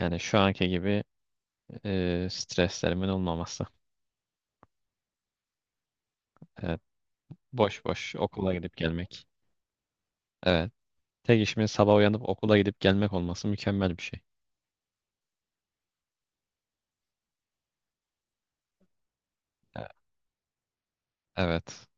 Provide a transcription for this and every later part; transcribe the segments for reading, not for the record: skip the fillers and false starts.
Yani şu anki gibi streslerimin olmaması. Evet, boş boş okula gidip gelmek. Evet. Tek işimin sabah uyanıp okula gidip gelmek olması mükemmel bir şey. E, Evet.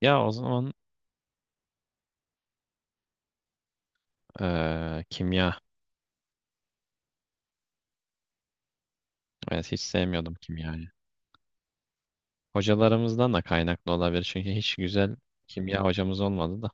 Ya o zaman kimya. Evet, hiç sevmiyordum kimyayı. Hocalarımızdan da kaynaklı olabilir. Çünkü hiç güzel kimya hocamız olmadı da.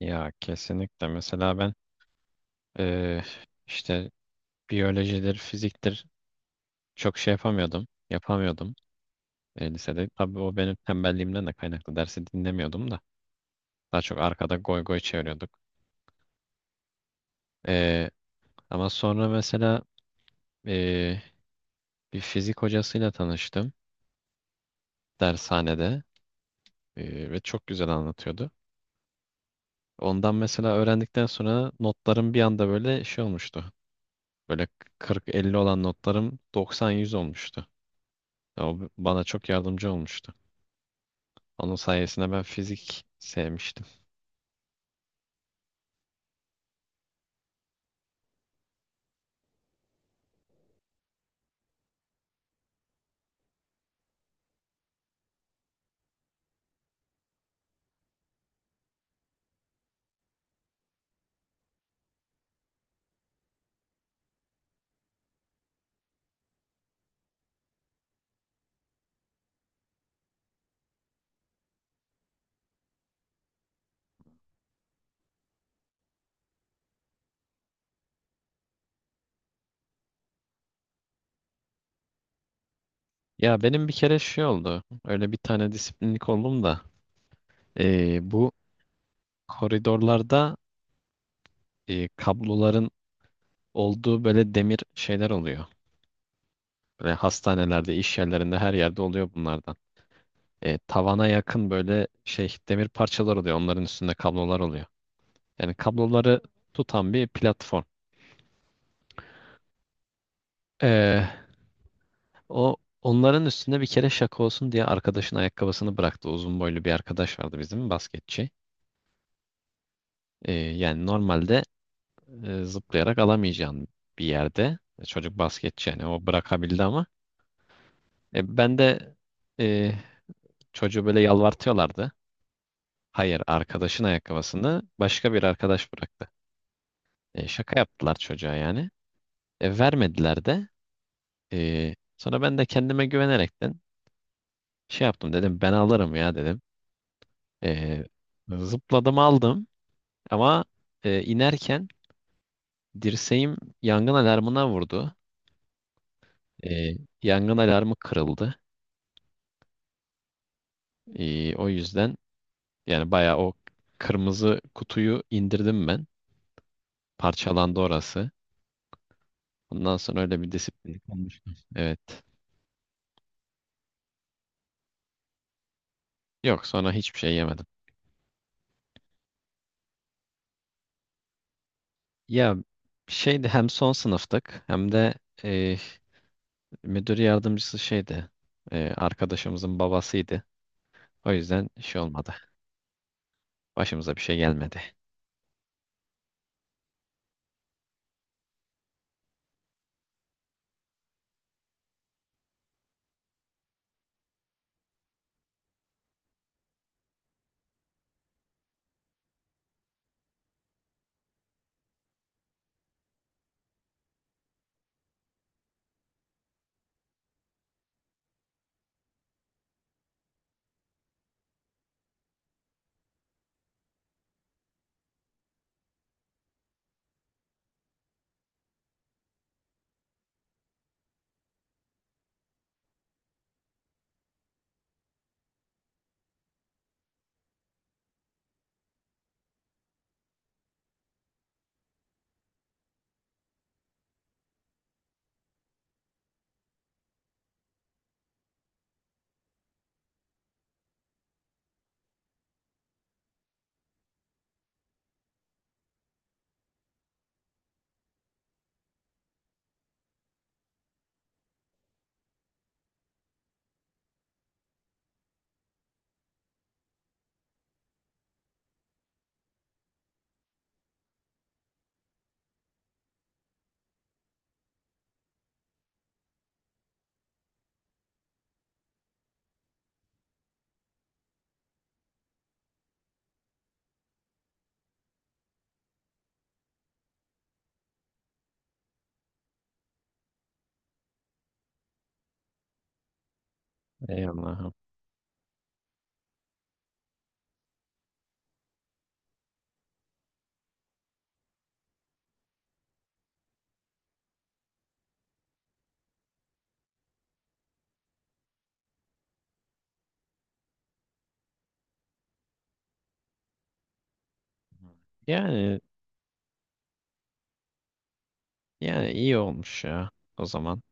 Ya kesinlikle. Mesela ben, e, işte, biyolojidir, fiziktir, çok şey yapamıyordum. Lisede. Tabii o benim tembelliğimden de kaynaklı. Dersi dinlemiyordum da. Daha çok arkada goy goy çeviriyorduk. E, Ama sonra mesela e, bir fizik hocasıyla tanıştım dershanede. Ve çok güzel anlatıyordu. Ondan mesela öğrendikten sonra notlarım bir anda böyle şey olmuştu. Böyle 40-50 olan notlarım 90-100 olmuştu. Ya, o bana çok yardımcı olmuştu. Onun sayesinde ben fizik sevmiştim. Ya benim bir kere şey oldu. Öyle bir tane disiplinlik oldum da. Bu koridorlarda kabloların olduğu böyle demir şeyler oluyor. Böyle hastanelerde, iş yerlerinde, her yerde oluyor bunlardan. E, tavana yakın böyle şey demir parçalar oluyor. Onların üstünde kablolar oluyor. Yani kabloları tutan bir platform. E, o onların üstünde bir kere şaka olsun diye arkadaşın ayakkabısını bıraktı. Uzun boylu bir arkadaş vardı bizim, basketçi. Yani normalde zıplayarak alamayacağın bir yerde. Çocuk basketçi yani, o bırakabildi ama. Ben de e, çocuğu böyle yalvartıyorlardı. Hayır, arkadaşın ayakkabısını başka bir arkadaş bıraktı. Şaka yaptılar çocuğa yani. Vermediler de. Sonra ben de kendime güvenerekten şey yaptım, dedim ben alırım ya, dedim. E, Zıpladım aldım ama inerken dirseğim yangın alarmına vurdu. E, Yangın alarmı kırıldı. O yüzden yani bayağı o kırmızı kutuyu indirdim ben. Parçalandı orası. Ondan sonra öyle bir disiplin olmuştu. Evet. Yok, sonra hiçbir şey yemedim. Ya şeydi, hem son sınıftık hem de e, müdür yardımcısı şeydi. Arkadaşımızın babasıydı. O yüzden şey olmadı. Başımıza bir şey gelmedi. Ey Allah'ım. Yani yani iyi olmuş ya o zaman.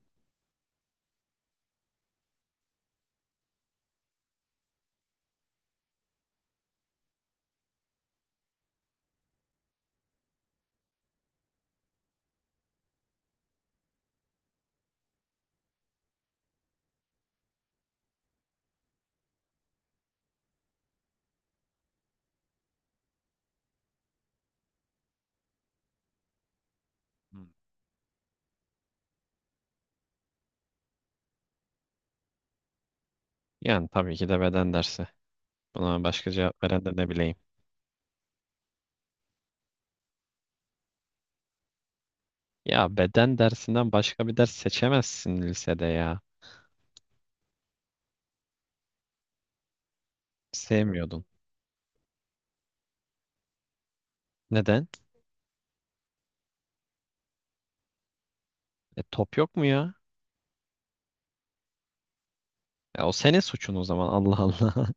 Hı. Yani tabii ki de beden dersi. Buna başka cevap veren de ne bileyim. Ya beden dersinden başka bir ders seçemezsin lisede ya. Sevmiyordun. Neden? E, top yok mu ya? Ya o senin suçun o zaman, Allah Allah.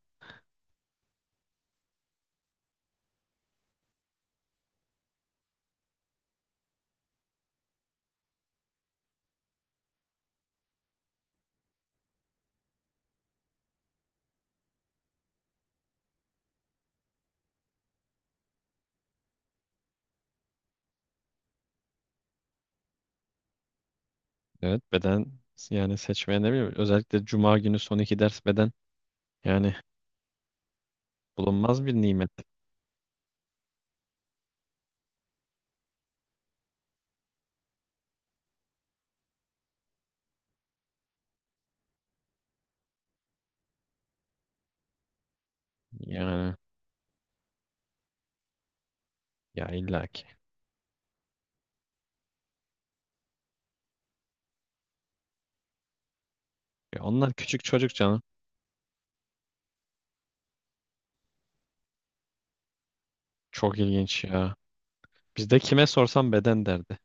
Evet, beden yani, seçmeye ne bileyim. Özellikle cuma günü son iki ders beden, yani bulunmaz bir nimet. Yani ya illaki. Ya onlar küçük çocuk canım. Çok ilginç ya. Bizde kime sorsam beden derdi.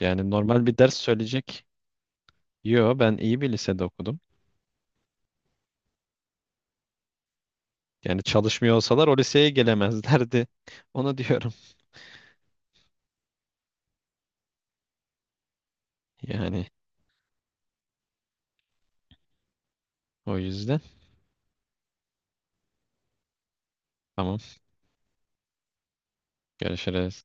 Yani normal bir ders söyleyecek. Yo, ben iyi bir lisede okudum. Yani çalışmıyor olsalar o liseye gelemezlerdi. Onu diyorum. Yani o yüzden, tamam, görüşürüz.